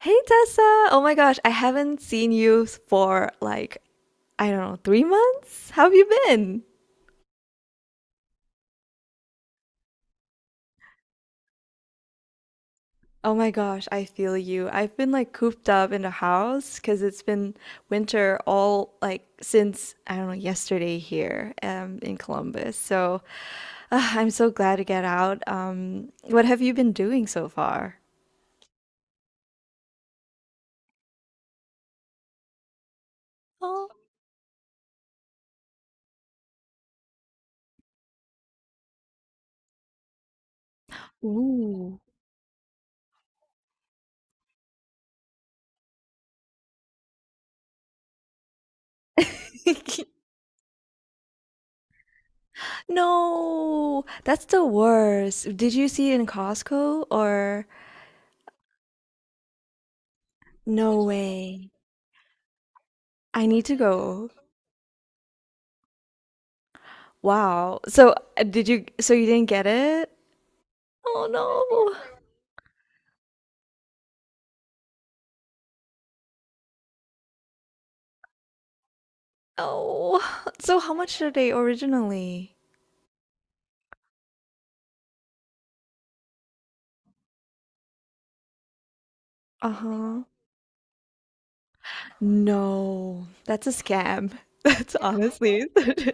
Hey Tessa! Oh my gosh, I haven't seen you for like, I don't know, 3 months? How have you been? Oh my gosh, I feel you. I've been like cooped up in the house because it's been winter all like since, I don't know, yesterday here in Columbus. So I'm so glad to get out. What have you been doing so far? Oh, ooh. No, that's the worst. Did you see it in Costco or? No way. I need to go. Wow. So did you, so you didn't get it? Oh no. Oh. So how much are they originally? Uh-huh. No. That's a scam. That's honestly.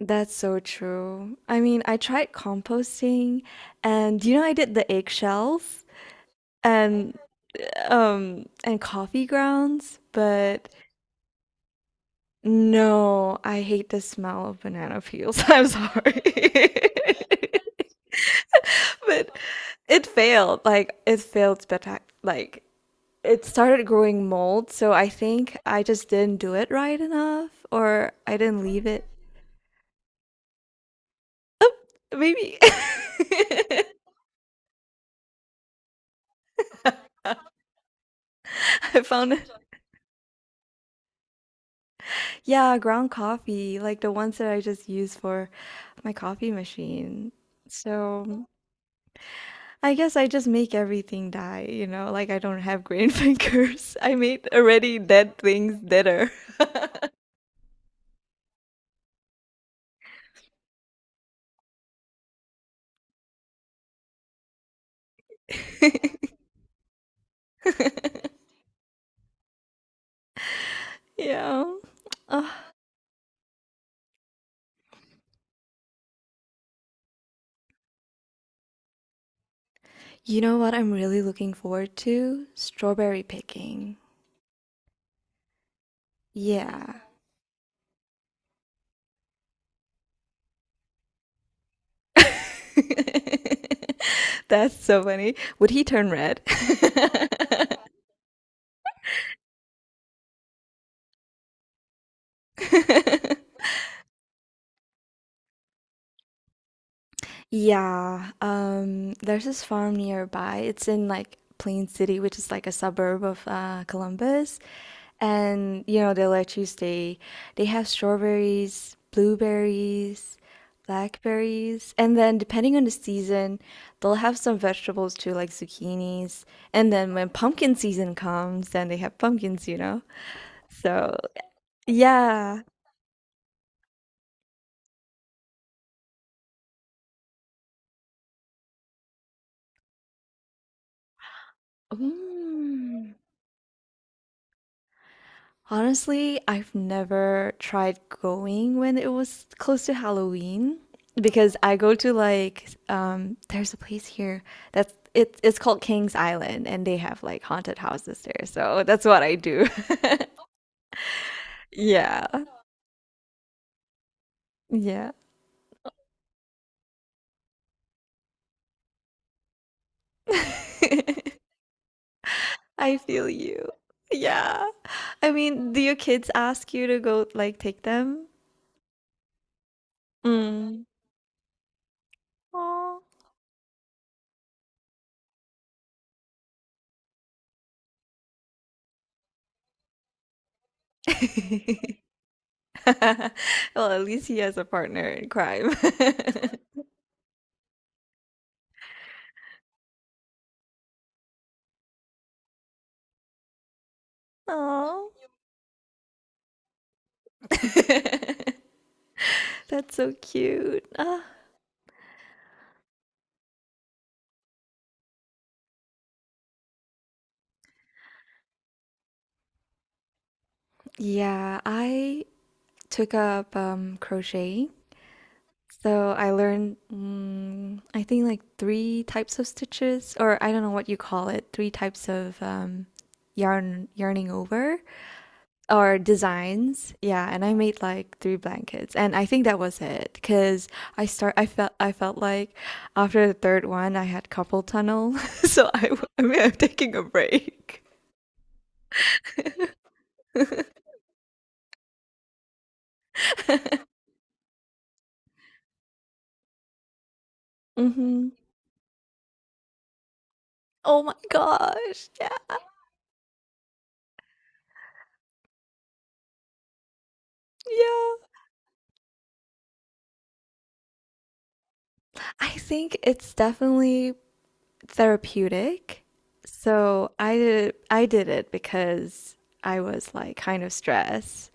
That's so true. I mean, I tried composting and you know I did the eggshells and and coffee grounds, but no, I hate the smell of banana peels. I'm sorry. But it failed. Like it failed spectac like it started growing mold, so I think I just didn't do it right enough or I didn't leave it. Maybe I found it. Yeah, ground coffee, like the ones that I just use for my coffee machine. So I guess I just make everything die, you know? Like I don't have green fingers. I made already dead things deader. Yeah. Ugh. You know what I'm really looking forward to? Strawberry picking. Yeah. That's so funny. Would he turn red? Yeah, there's this farm nearby. It's in like Plain City, which is like a suburb of Columbus. And you know, they let you stay. They have strawberries, blueberries, blackberries, and then depending on the season, they'll have some vegetables too, like zucchinis. And then when pumpkin season comes, then they have pumpkins, you know? So, yeah. Mm. Honestly, I've never tried going when it was close to Halloween because I go to like there's a place here it's called King's Island and they have like haunted houses there. So that's what I do. Yeah. Yeah. I feel you. Yeah. I mean, do your kids ask you to go like take them? Mm. Aw. Well, at least he has a partner in crime. Oh, that's so cute. Ah. Yeah, I took up crochet. So I learned, mm, I think, like three types of stitches, or I don't know what you call it, three types of yarning over or designs. Yeah, and I made like three blankets, and I think that was it because I felt like after the third one I had carpal tunnel, so I mean I'm taking a break. hmm. Oh my gosh. Yeah. Yeah. I think it's definitely therapeutic. So I did it because I was like kind of stressed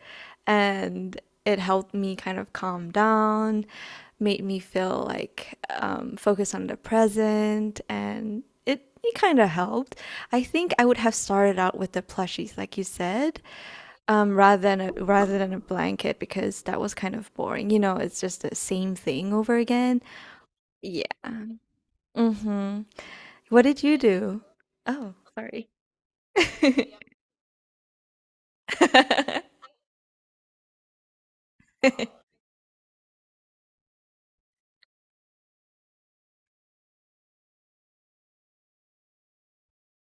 and it helped me kind of calm down, made me feel like focused on the present and it kind of helped. I think I would have started out with the plushies, like you said, rather than a blanket because that was kind of boring. You know, it's just the same thing over again. Yeah. Mhm. What did you do? Oh, sorry.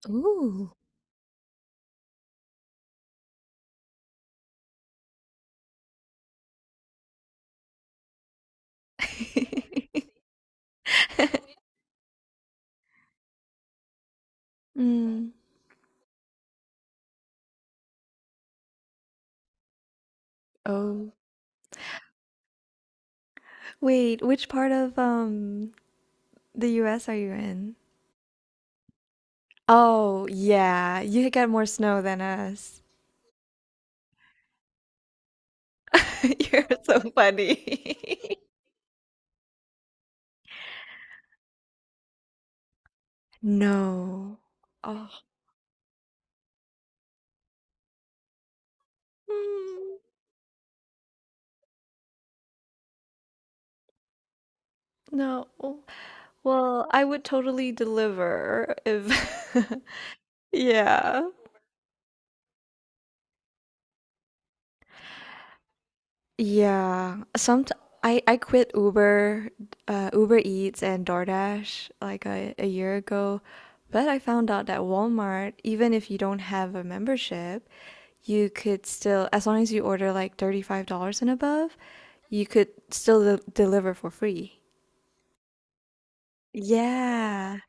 Ooh. Mm. Um, Wait, which part of the US are you in? Oh, yeah. You get more snow than us. you're so funny. No. Oh, mm, no. Well, I would totally deliver if, yeah. Yeah, some I quit Uber, Uber Eats and DoorDash like a year ago, but I found out that Walmart, even if you don't have a membership, you could still, as long as you order like $35 and above, you could still de deliver for free. Yeah.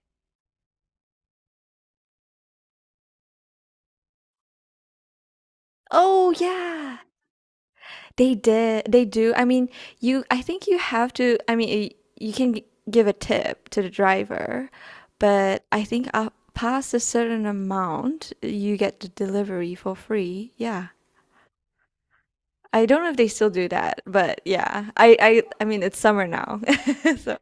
Oh, yeah. They did. They do. I mean, I think you have to, I mean, you can give a tip to the driver, but I think up past a certain amount, you get the delivery for free. Yeah. I don't know if they still do that, but yeah. I mean, it's summer now. So,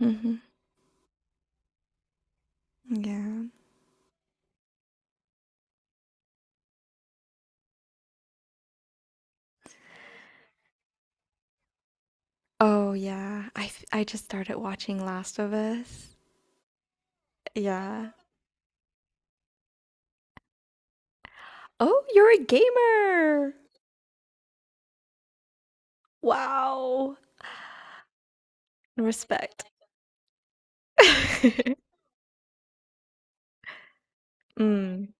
mhm, yeah. Oh, yeah. I just started watching Last of Us. Yeah. Oh, you're a gamer. Wow. Respect. Mm.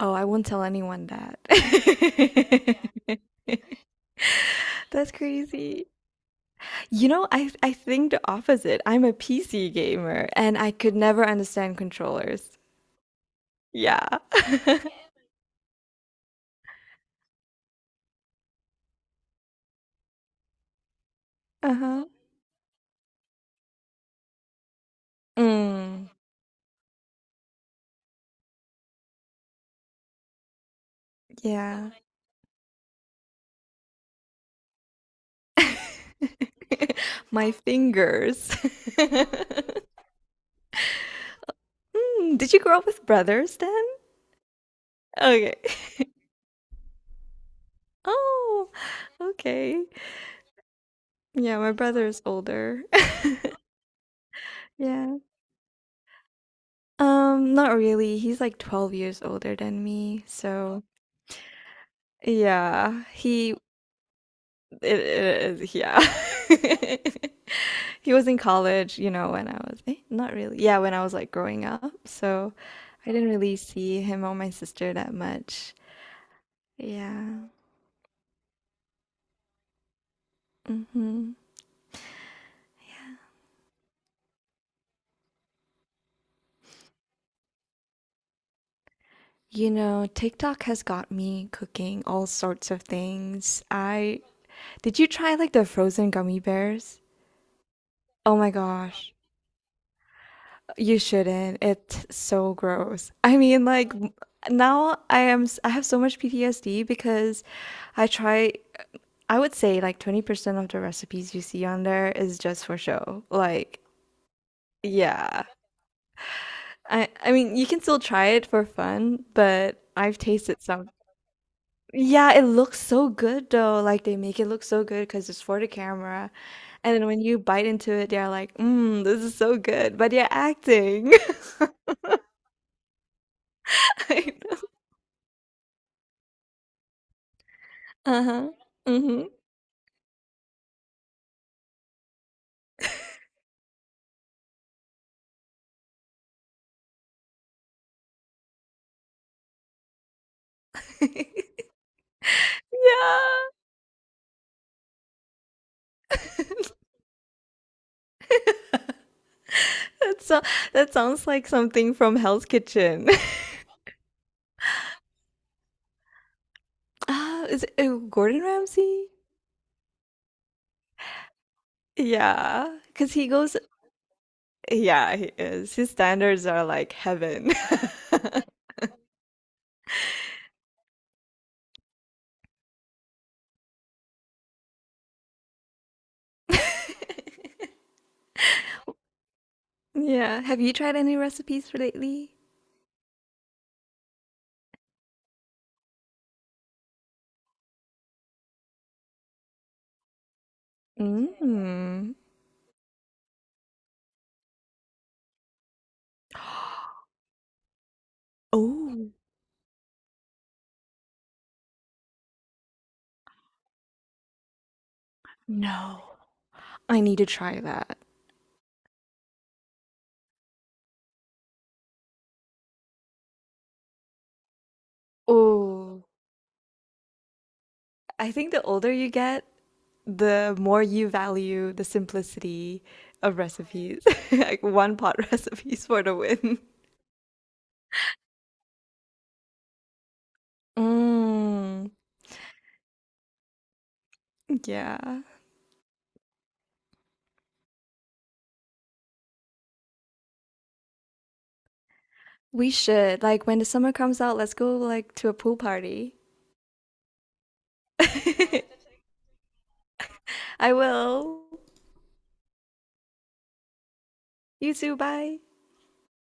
Oh, I won't tell anyone that. That's crazy. You know, I think the opposite. I'm a PC gamer and I could never understand controllers. Yeah. Uh-huh. Mm, yeah. My fingers. Hmm, did you grow up with brothers then? Okay. Oh, okay. Yeah, my brother is older. Yeah. Not really. He's like 12 years older than me. Oh, so yeah, he it is, yeah. He was in college, you know, when I was not really. Yeah, when I was like growing up, so I didn't really see him or my sister that much. Yeah. Mm-hmm. You know, TikTok has got me cooking all sorts of things. I did you try like the frozen gummy bears? Oh my gosh. You shouldn't. It's so gross. I mean, now I have so much PTSD because I try I would say like 20% of the recipes you see on there is just for show. Like, yeah. I mean, you can still try it for fun, but I've tasted some. Yeah, it looks so good though. Like they make it look so good because it's for the camera. And then when you bite into it, they're like, "Mmm, this is so good." But you're acting. Uh-huh. Yeah. That so that sounds like something from Hell's Kitchen. Ah, is it Gordon Ramsay? Yeah, because he goes, yeah, he is. His standards are like heaven. Yeah. Have you tried any recipes for lately? Mm. Oh, no. I need to try that. Oh, I think the older you get, the more you value the simplicity of recipes. like one pot recipes for the win. Mm, yeah. We should. Like when the summer comes out, let's go like to a pool party. I will. You too, bye.